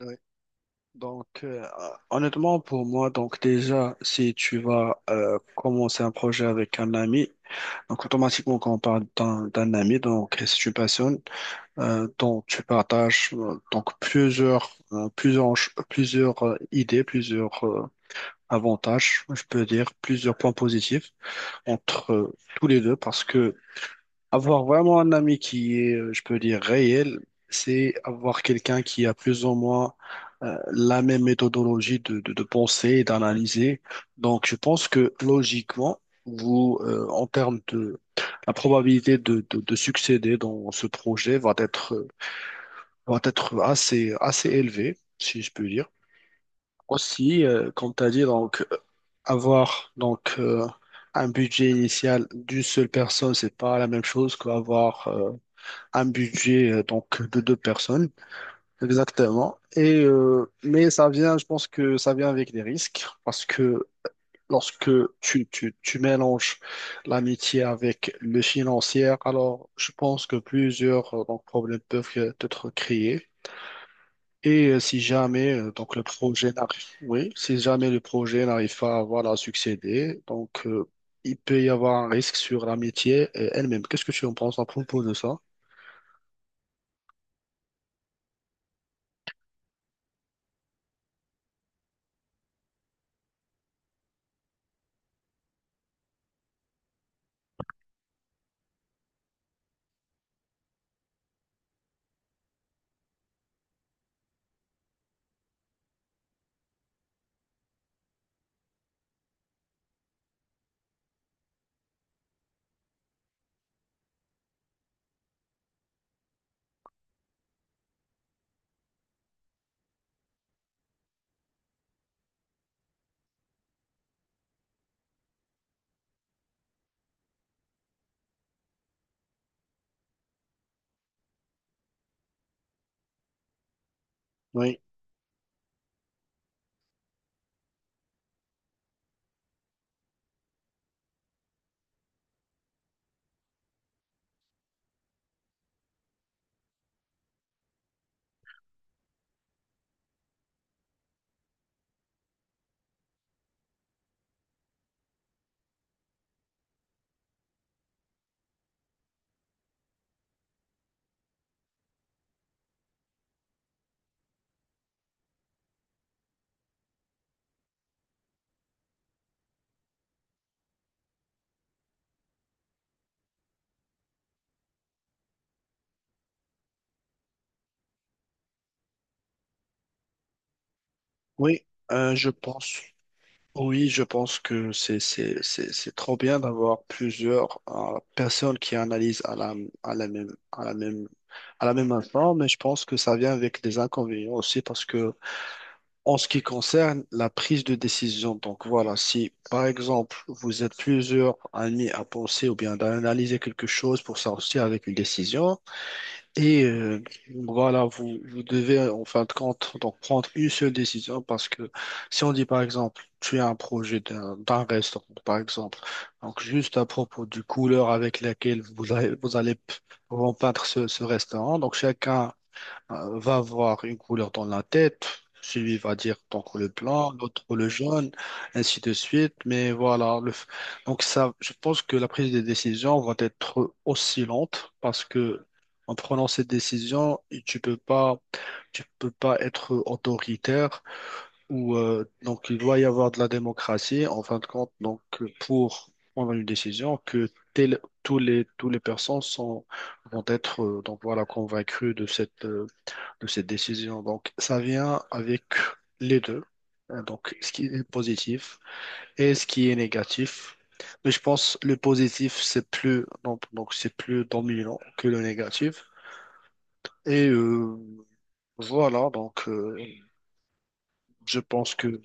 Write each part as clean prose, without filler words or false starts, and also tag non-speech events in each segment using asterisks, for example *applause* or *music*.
Oui. Donc, honnêtement, pour moi, donc déjà, si tu vas commencer un projet avec un ami, donc automatiquement, quand on parle d'un ami, donc c'est une personne dont tu partages donc plusieurs, plusieurs idées, plusieurs avantages, je peux dire, plusieurs points positifs entre tous les deux, parce que avoir vraiment un ami qui est, je peux dire, réel, c'est avoir quelqu'un qui a plus ou moins la même méthodologie de penser et d'analyser. Donc, je pense que logiquement, vous, en termes de la probabilité de succéder dans ce projet va être assez, assez élevée, si je peux dire. Aussi, comme tu as dit, donc, avoir donc, un budget initial d'une seule personne, c'est pas la même chose qu'avoir. Un budget donc de deux personnes exactement. Et mais ça vient, je pense que ça vient avec des risques, parce que lorsque tu mélanges l'amitié avec le financier, alors je pense que plusieurs donc, problèmes peuvent être créés. Et si jamais donc le projet n'arrive oui, si jamais le projet n'arrive pas à voilà à succéder, donc, il peut y avoir un risque sur l'amitié elle-même. Qu'est-ce que tu en penses à propos de ça? Oui. Oui, je pense. Oui, je pense que c'est trop bien d'avoir plusieurs personnes qui analysent à la à la même à la même à la même instant, mais je pense que ça vient avec des inconvénients aussi, parce que en ce qui concerne la prise de décision, donc voilà, si par exemple vous êtes plusieurs amis à penser ou bien d'analyser quelque chose pour sortir avec une décision. Et voilà, vous devez en fin de compte donc prendre une seule décision, parce que si on dit par exemple, tu as un projet d'un restaurant, par exemple, donc juste à propos du couleur avec laquelle vous peindre ce restaurant, donc chacun va avoir une couleur dans la tête, celui va dire donc le blanc, l'autre le jaune, ainsi de suite. Mais voilà, donc ça, je pense que la prise de décision va être oscillante, parce que en prenant cette décision, tu peux pas être autoritaire ou donc il doit y avoir de la démocratie en fin de compte. Donc pour prendre une décision que tous les personnes sont, vont être donc voilà convaincues de cette décision. Donc, ça vient avec les deux. Hein, donc, ce qui est positif et ce qui est négatif. Mais je pense le positif, c'est plus, donc c'est plus dominant que le négatif. Et voilà, donc, je pense que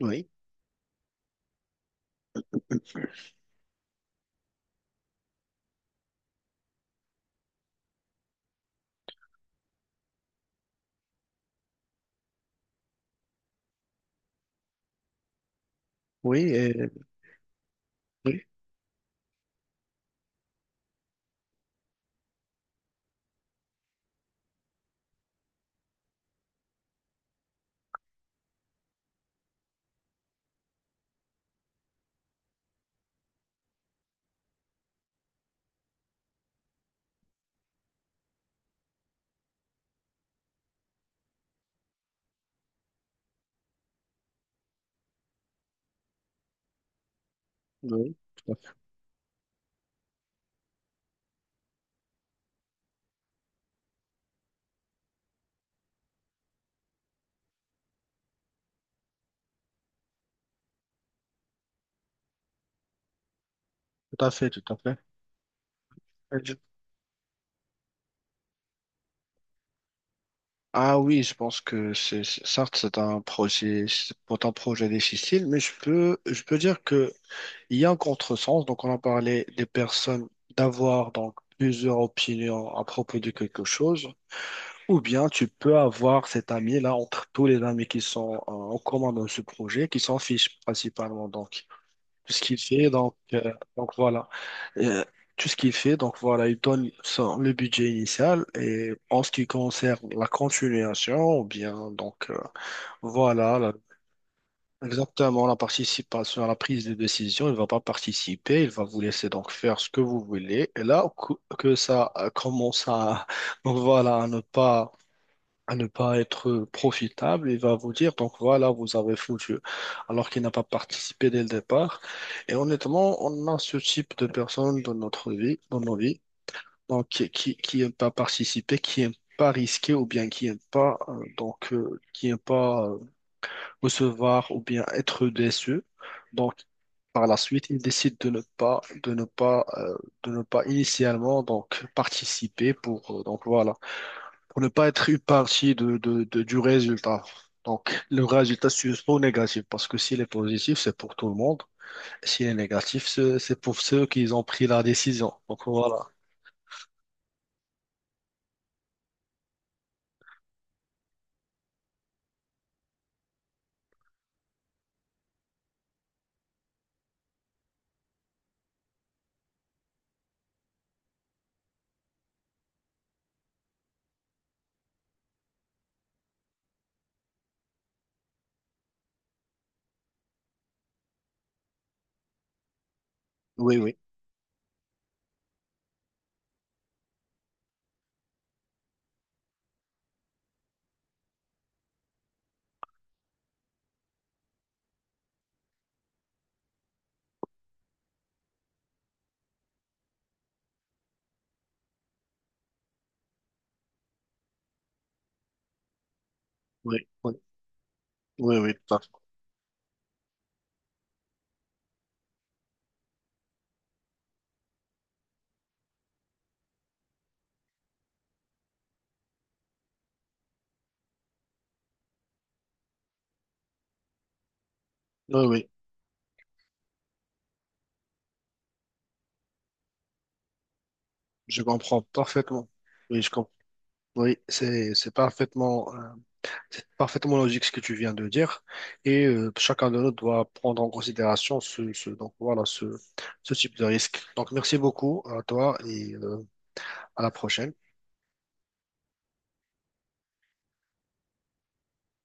oui, oui, et, oui, oui, tout à fait, tout à fait. Tout à fait. Et ah oui, je pense que certes, c'est un projet, c'est pas un projet difficile, mais je peux dire que il y a un contresens, donc on a parlé des personnes d'avoir donc plusieurs opinions à propos de quelque chose, ou bien tu peux avoir cet ami-là entre tous les amis qui sont en commun dans ce projet, qui s'en fichent principalement. Donc tout ce qu'il fait, donc voilà. Euh, tout ce qu'il fait, donc voilà, il donne le budget initial, et en ce qui concerne la continuation, ou bien donc voilà, exactement, la participation à la prise de décision, il ne va pas participer, il va vous laisser donc faire ce que vous voulez. Et là, que ça commence à, *laughs* donc voilà, à ne pas être profitable, il va vous dire, donc voilà, vous avez foutu, alors qu'il n'a pas participé dès le départ. Et honnêtement, on a ce type de personnes dans notre vie, dans nos vies, donc qui n'aiment pas participer, qui n'aiment pas risquer, ou bien qui n'aiment pas, qui n'aiment pas recevoir ou bien être déçu. Donc, par la suite, il décide de ne pas initialement donc participer pour donc voilà, pour ne pas être une partie du résultat. Donc, le résultat c'est soit négatif, parce que s'il est positif, c'est pour tout le monde. S'il est négatif, c'est pour ceux qui ont pris la décision. Donc voilà. Oui, oui, oui, oui, oui, oui, par- oui, oui, je comprends parfaitement. Oui, je comprends. Oui, c'est parfaitement. C'est parfaitement logique ce que tu viens de dire. Et chacun de nous doit prendre en considération donc, voilà, ce type de risque. Donc, merci beaucoup à toi et à la prochaine.